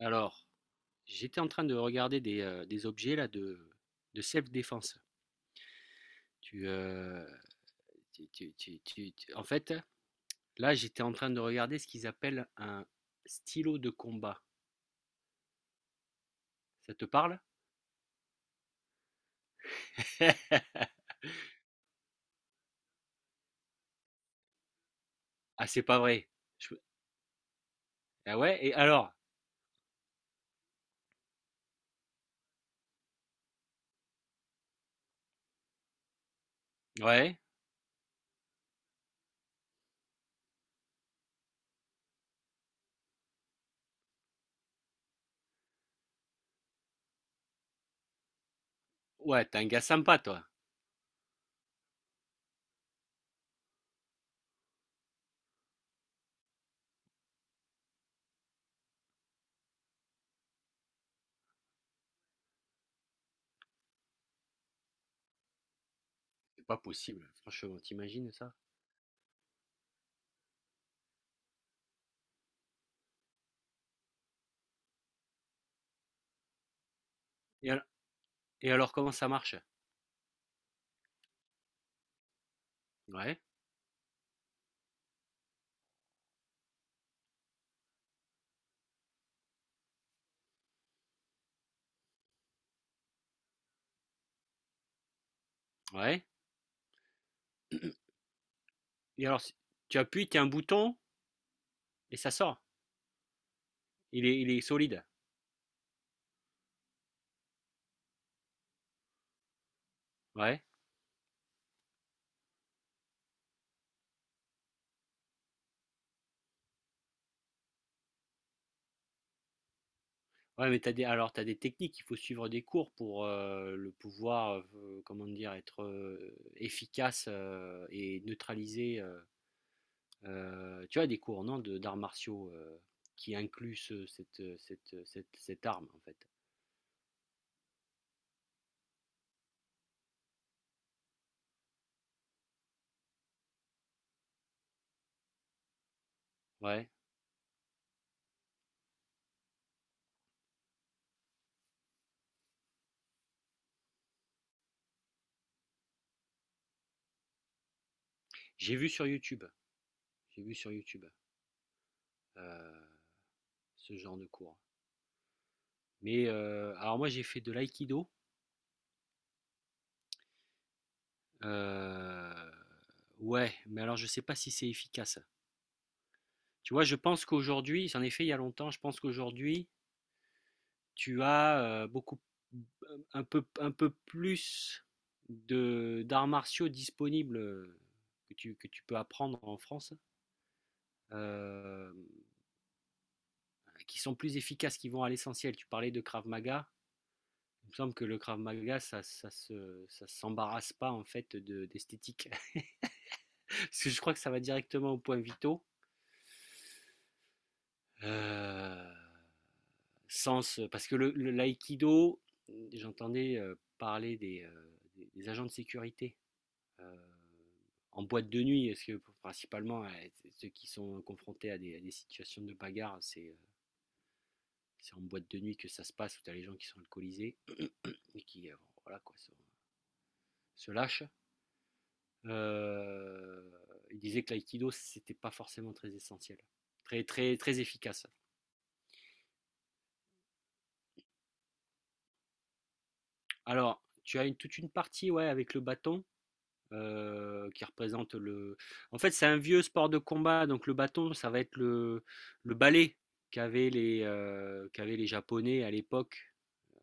Alors, j'étais en train de regarder des objets là de self-défense. Tu, tu- tu- tu- tu- tu- En fait, là, j'étais en train de regarder ce qu'ils appellent un stylo de combat. Ça te parle? Ah, c'est pas vrai. Je- Ah ouais, et alors? Ouais, ouais, t'es un gars sympa, toi. C'est pas possible, franchement, t'imagines ça? Et alors, et alors, comment ça marche? Ouais, ouais. Et alors, si- Tu appuies, t'as un bouton et ça sort. Il est solide. Ouais. Ouais, mais t'as des techniques, il faut suivre des cours pour, le pouvoir, comment dire? Être, efficace, et neutraliser, tu as des cours, non, de d'arts martiaux, qui incluent ce cette, cette, cette cette arme, en fait? Ouais, j'ai vu sur YouTube, j'ai vu sur YouTube, heu, ce genre de cours. Mais, alors moi j'ai fait de l'aïkido, heu, ouais, mais alors je sais pas si c'est efficace. Tu vois? Je pense qu'aujourd'hui J'en ai fait il y a longtemps, je pense qu'aujourd'hui tu as beaucoup un peu plus de d'arts martiaux disponibles que tu peux apprendre en France, euh, qui sont plus efficaces, qui vont à l'essentiel. Tu parlais de Krav Maga, il me semble que le Krav Maga, ça s'embarrasse pas en fait de d'esthétique. Parce que je crois que ça va directement au point vitaux. Euh, Sens, parce que le l'aïkido, j'entendais parler des agents de sécurité euh, en boîte de nuit, parce que principalement ceux qui sont confrontés à des situations de bagarre, c'est en boîte de nuit que ça se passe, où tu as les gens qui sont alcoolisés et qui voilà, quoi, se lâchent. Euh, il disait que l'aïkido, c'était pas forcément très essentiel, très efficace. Alors, tu as toute une partie, ouais, avec le bâton qui représente le. En fait, c'est un vieux sport de combat, donc le bâton, ça va être le balai qu'avaient les Japonais à l'époque,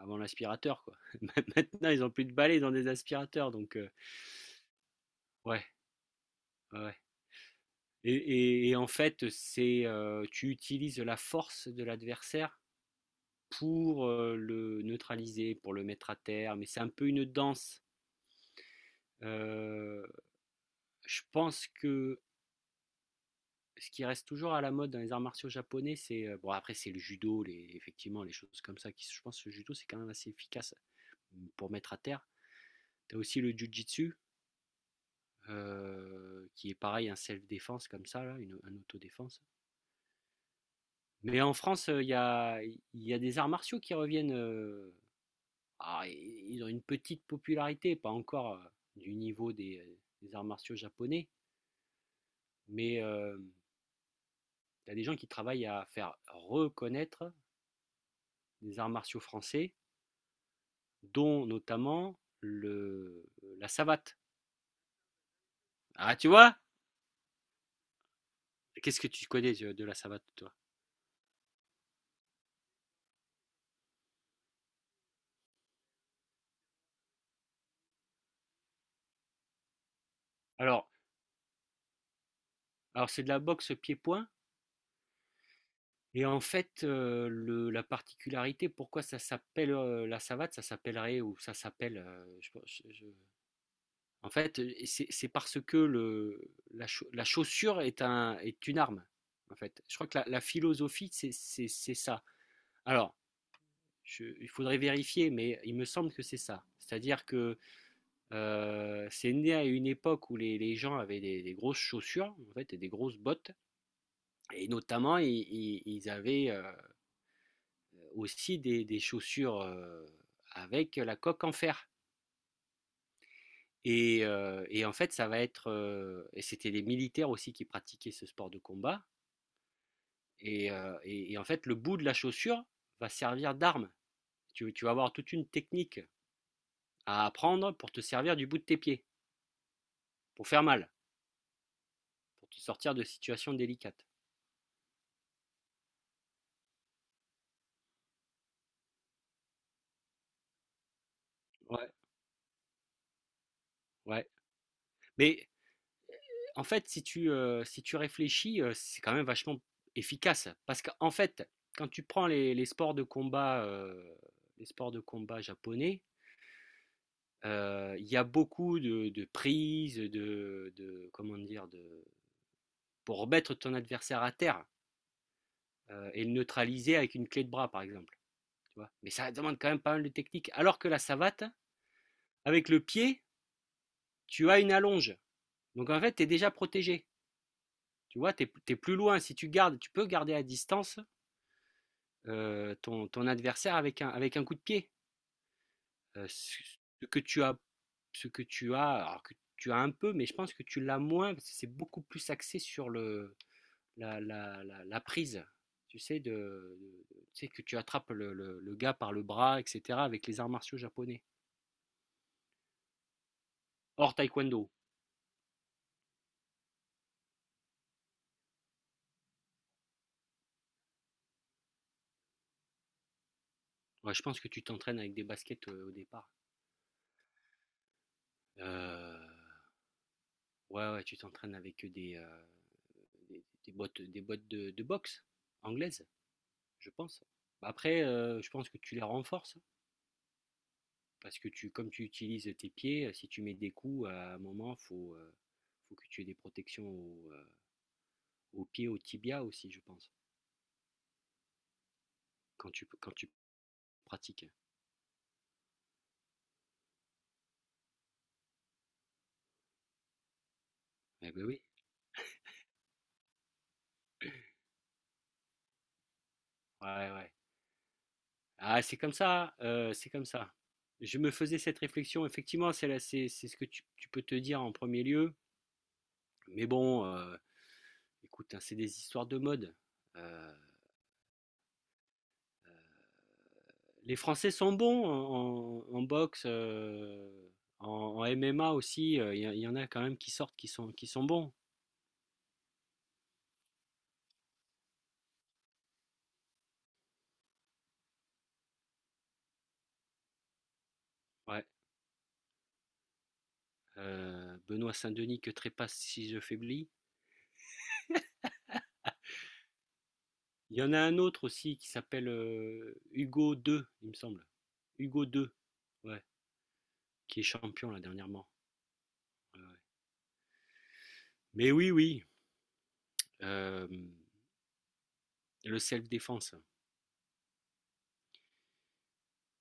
avant l'aspirateur, quoi. Maintenant, ils n'ont plus de balai dans des aspirateurs, donc ouais, ouais. Et en fait, c'est tu utilises la force de l'adversaire pour le neutraliser, pour le mettre à terre, mais c'est un peu une danse. Euh, je pense que ce qui reste toujours à la mode dans les arts martiaux japonais, c'est bon, après c'est le judo, les, effectivement les choses comme ça. Qui, je pense que le judo, c'est quand même assez efficace, mm, pour mettre à terre. T'as aussi le jujitsu qui est pareil un self défense comme ça là, un autodéfense. Mais en France il y a des arts martiaux qui reviennent. Ah, ils ont une petite popularité, pas encore du niveau des arts martiaux japonais, mais il y a des gens qui travaillent à faire reconnaître des arts martiaux français, dont notamment la savate. Ah, tu vois? Qu'est-ce que tu connais de la savate, toi? Alors, alors, c'est de la boxe pied-point. Et en fait, la particularité, pourquoi ça s'appelle la savate, ça s'appellerait ou ça s'appelle. En fait, c'est parce que la chaussure est, un, est une arme. En fait, je crois que la philosophie, c'est ça. Alors, il faudrait vérifier, mais il me semble que c'est ça. C'est-à-dire que c'est né à une époque où les gens avaient des grosses chaussures, en fait, et des grosses bottes. Et notamment, ils avaient aussi des chaussures avec la coque en fer. Et en fait, ça va être. Et c'était les militaires aussi qui pratiquaient ce sport de combat. Et en fait, le bout de la chaussure va servir d'arme. Tu vas avoir toute une technique à apprendre pour te servir du bout de tes pieds, pour faire mal, pour te sortir de situations délicates. Ouais, ouais. Mais en fait, si tu, si tu réfléchis, c'est quand même vachement efficace. Parce qu'en fait, quand tu prends les sports de combat, les sports de combat japonais, il y a beaucoup de prises, comment dire, de, pour remettre ton adversaire à terre et le neutraliser avec une clé de bras, par exemple. Tu vois. Mais ça demande quand même pas mal de technique. Alors que la savate, avec le pied, tu as une allonge. Donc en fait, tu es déjà protégé. Tu vois, tu es plus loin. Si tu gardes, tu peux garder à distance ton adversaire avec un coup de pied. Euh, ce que tu as, ce que tu as, alors que tu as un peu, mais je pense que tu l'as moins parce que c'est beaucoup plus axé sur le, la prise. Tu sais, tu sais que tu attrapes le gars par le bras, etc. avec les arts martiaux japonais. Hors taekwondo. Ouais, je pense que tu t'entraînes avec des baskets au départ. Euh, ouais, ouais, tu t'entraînes des bottes, de boxe anglaise. Je pense. Bah, après, je pense que tu les renforces parce que tu, comme tu utilises tes pieds, si tu mets des coups, à un moment, faut que tu aies des protections aux pieds, aux tibias aussi, je pense, quand tu pratiques. Eh ben oui. Ouais, ouais. Ah, c'est comme ça, c'est comme ça. Je me faisais cette réflexion. Effectivement, c'est ce que tu peux te dire en premier lieu. Mais bon, écoute, hein, c'est des histoires de mode. Euh, Les Français sont bons en boxe, en, en MMA aussi. Y en a quand même qui sortent, qui sont bons. Ouais. Benoît Saint-Denis que trépasse si je faiblis. Il y en a un autre aussi qui s'appelle Hugo II, il me semble. Hugo II, ouais, qui est champion là dernièrement. Mais oui, oui, euh, le self-défense,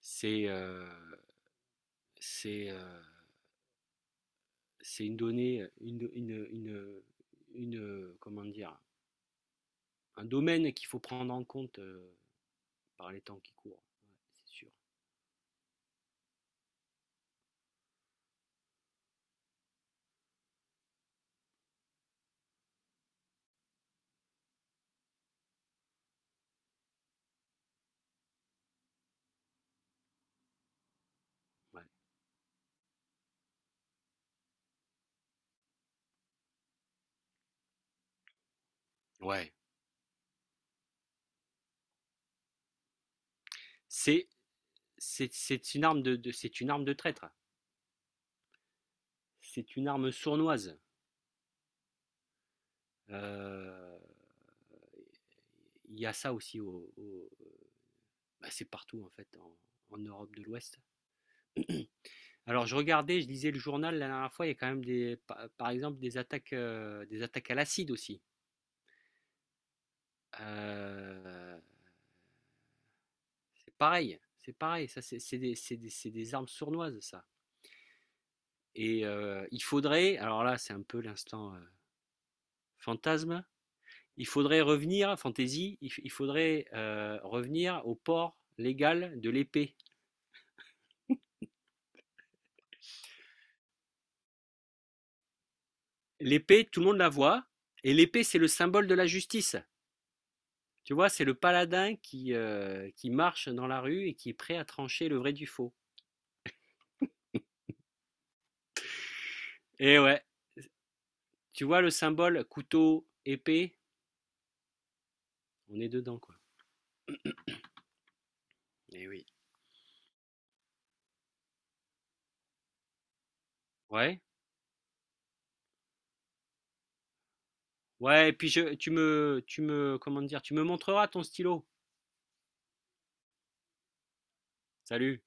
c'est euh, c'est euh, c'est une donnée, comment dire, un domaine qu'il faut prendre en compte par les temps qui courent. Ouais, c'est sûr. Ouais. Ouais. C'est, c'est une arme c'est une arme de traître. C'est une arme sournoise. Euh, Il Y a ça aussi bah, c'est partout en fait en Europe de l'Ouest. Alors je regardais, je lisais le journal la dernière fois. Il y a quand même des, par exemple des attaques à l'acide aussi. Euh, c'est pareil, c'est pareil. Ça c'est des, c'est des- C'est des armes sournoises, ça. Et il faudrait, alors là c'est un peu l'instant fantasme, il faudrait revenir, fantaisie, il faudrait revenir au port légal de l'épée. L'épée, tout le monde la voit, et l'épée, c'est le symbole de la justice. Tu vois, c'est le paladin qui marche dans la rue et qui est prêt à trancher le vrai du faux. Et ouais, tu vois, le symbole couteau, épée, on est dedans, quoi. Et oui. Ouais, ouais, et puis tu me, comment dire, tu me montreras ton stylo. Salut.